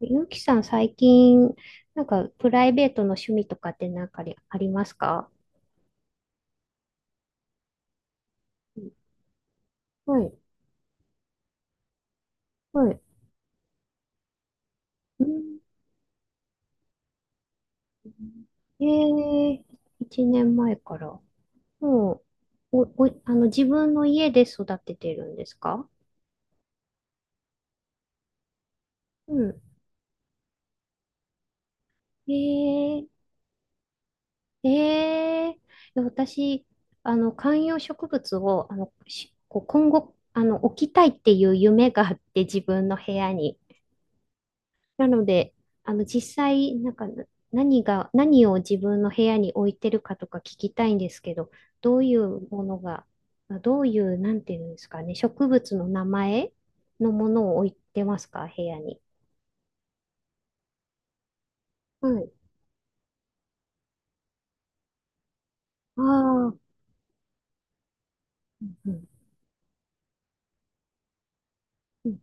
ゆうきさん、最近、なんか、プライベートの趣味とかってなんかありますか？はい、はい。うん。えーいちねんまえ一年前から。もう、お、お、あの、自分の家で育ててるんですか？うん。ええええ、いや、私、あの、観葉植物を、あの、しこう今後、あの、置きたいっていう夢があって、自分の部屋に。なので、あの、実際、なんか、何が、何を自分の部屋に置いてるかとか聞きたいんですけど、どういうものが、どういう、なんていうんですかね、植物の名前のものを置いてますか、部屋に。はい。ああ、うん。うん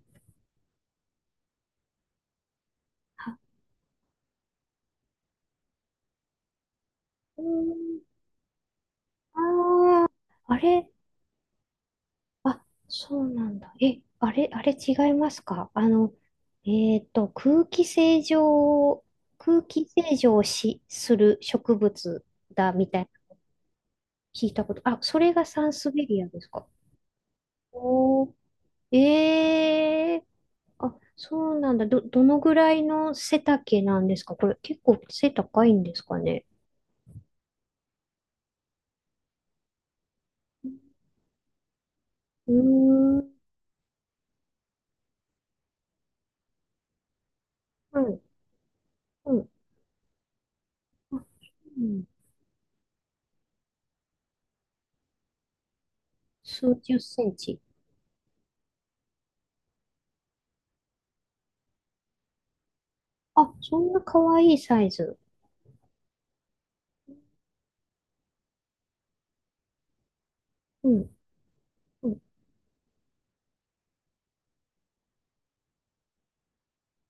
はうんあああれ、あ、そうなんだ。え、あれ、あれ違いますか？あの、えっと、空気清浄、空気清浄をする植物だみたいな、聞いたこと。あ、それがサンスベリアですか？おー、ええ、あ、そうなんだ。どのぐらいの背丈なんですか？これ結構背高いんですかね？うーん、はい、うん、あ、うん、数十センチ。あ、そんな可愛いサイズ。うん、うん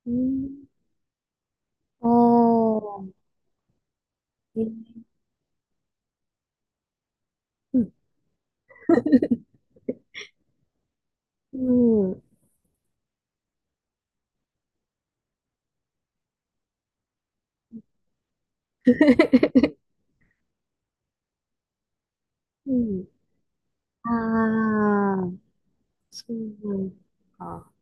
うん。お、えーうん。うん。うん。ああ、そうなんか。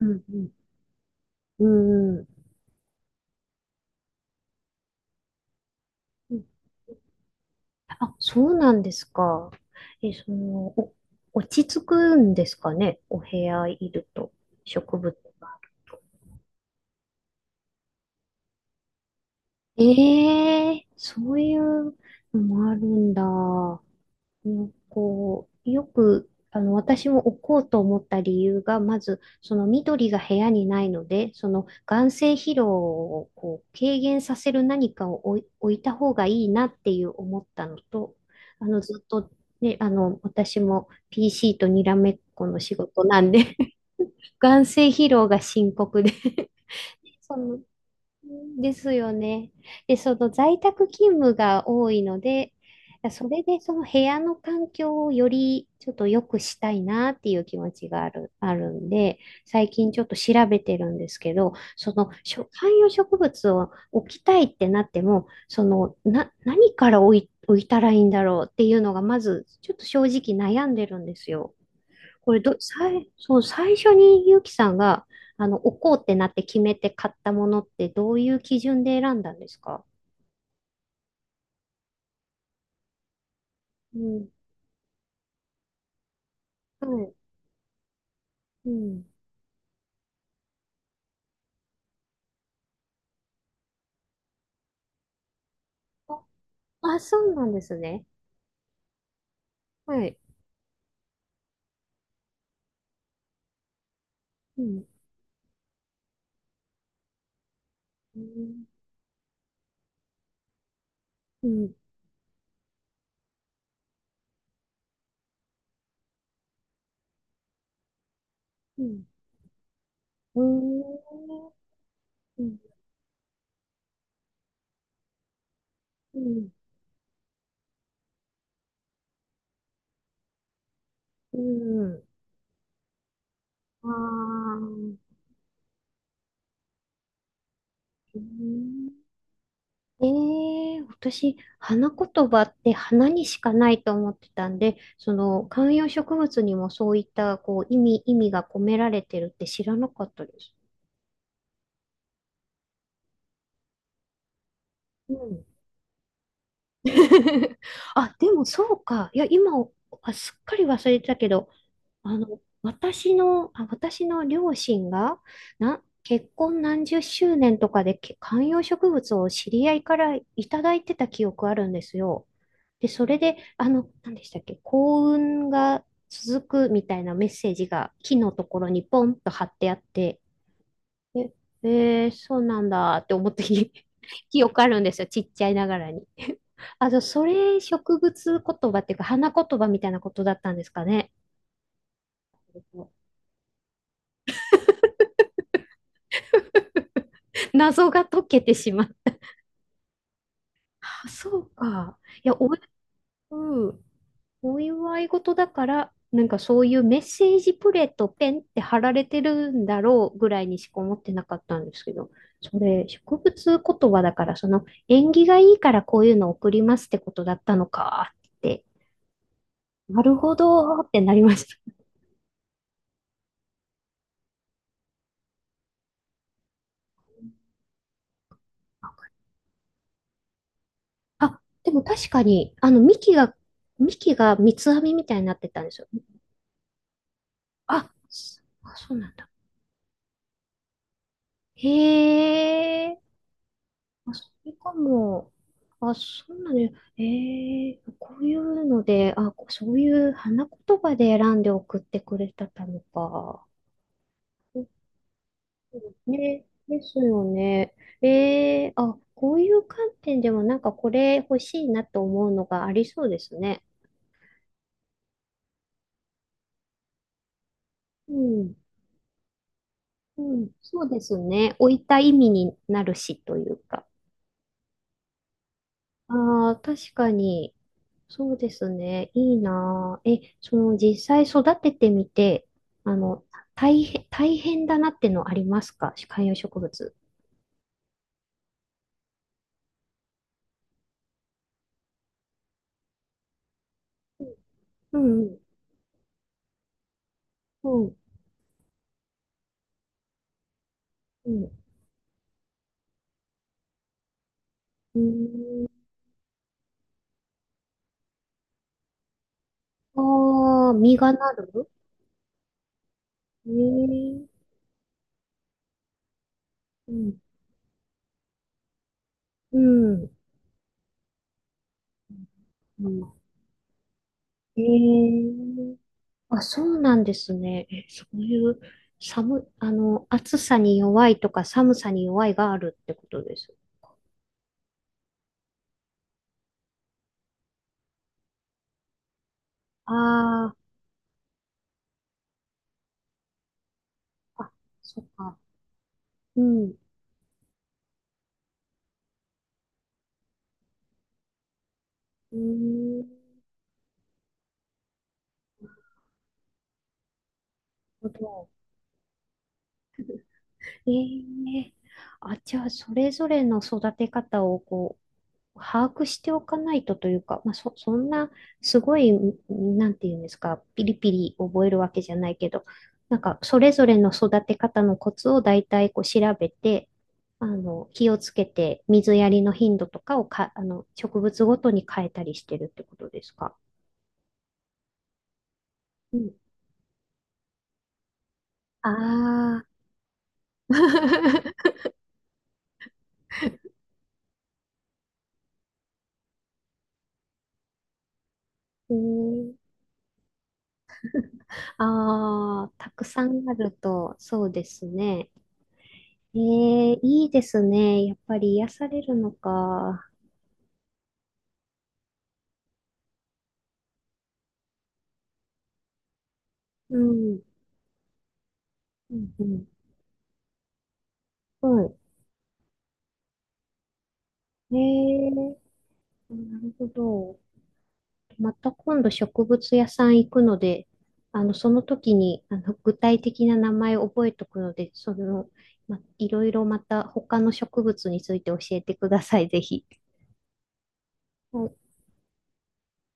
うんうん。うん。うん。あ、そうなんですか。え、その、お、落ち着くんですかね。お部屋いると。植物があると。ええ、そういうのもあるんだ。うん。こう、よく、あの、私も置こうと思った理由が、まず、その緑が部屋にないので、その眼性疲労をこう軽減させる何かを置いた方がいいなっていう思ったのと、あの、ずっと、ね、あの、私も PC とにらめっこの仕事なんで 眼性疲労が深刻で その、ですよね。で、その在宅勤務が多いので、それでその部屋の環境をよりちょっと良くしたいなっていう気持ちがあるんで、最近ちょっと調べてるんですけど、その観葉植物を置きたいってなっても、その何から置いたらいいんだろうっていうのがまずちょっと正直悩んでるんですよ。これど、最、そう、最初にゆうきさんが、あの、置こうってなって決めて買ったものってどういう基準で選んだんですか？うん。はい。うん。あ、あ、そうなんですね。はい。うん。うん。うん。うん。うん。うん。うん。うん。ああー、うん。ええ、私、花言葉って花にしかないと思ってたんで、その観葉植物にもそういったこう意味が込められてるって知らなかったです。うん。あ、でもそうか。いや、今、あ、すっかり忘れてたけど、あの、あ、私の両親が、結婚何十周年とかで観葉植物を知り合いからいただいてた記憶あるんですよ。で、それで、あの、何でしたっけ、幸運が続くみたいなメッセージが木のところにポンと貼ってあって、え、えーそうなんだって思った 記憶あるんですよ、ちっちゃいながらに。あの、それ植物言葉っていうか、花言葉みたいなことだったんですかね。謎が解けてしまう。あ、そうか。いや、お、うん、お祝い事だから、なんかそういうメッセージプレートペンって貼られてるんだろうぐらいにしか思ってなかったんですけど、それ植物言葉だから、その縁起がいいからこういうの送りますってことだったのかって、なるほどってなりました。あ、でも確かに、幹が三つ編みみたいになってたんですよ。あ、そうなんだ。へえ。あ、それかも。あ、そうなのよ。ええ、こういうので、あ、そういう花言葉で選んで送ってくれてたのか。うん、ね、ですよね。ええ、あ、こういう観点でもなんかこれ欲しいなと思うのがありそうですね。うん、うん、そうですね。置いた意味になるしというか。ああ、確かに。そうですね。いいなぁ。え、その実際育ててみて、あの、大変だなってのありますか観葉植物？うん、うん、うん、うん。うん。ああ、実がなる。えー、うん、うん、うん。えー、あ、そうなんですね。え、そういうあの、暑さに弱いとか寒さに弱いがあるってことです。ああ、あ、そっか。うん、うーん。るほど。ええ、あ、じゃあ、それぞれの育て方をこう、把握しておかないとというか、まあ、そんな、すごい、なんていうんですか、ピリピリ覚えるわけじゃないけど、なんか、それぞれの育て方のコツを大体こう調べて、あの、気をつけて、水やりの頻度とかをあの、植物ごとに変えたりしてるってことですか？うん。ああ。うーん、ああ、たくさんあると、そうですね。ええ、いいですね。やっぱり癒されるのか。うん。うん、うん、うん。ええ、なるほど。また今度植物屋さん行くので、あの、その時に、あの、具体的な名前を覚えとくので、その、ま、いろいろまた他の植物について教えてください、ぜひ。はい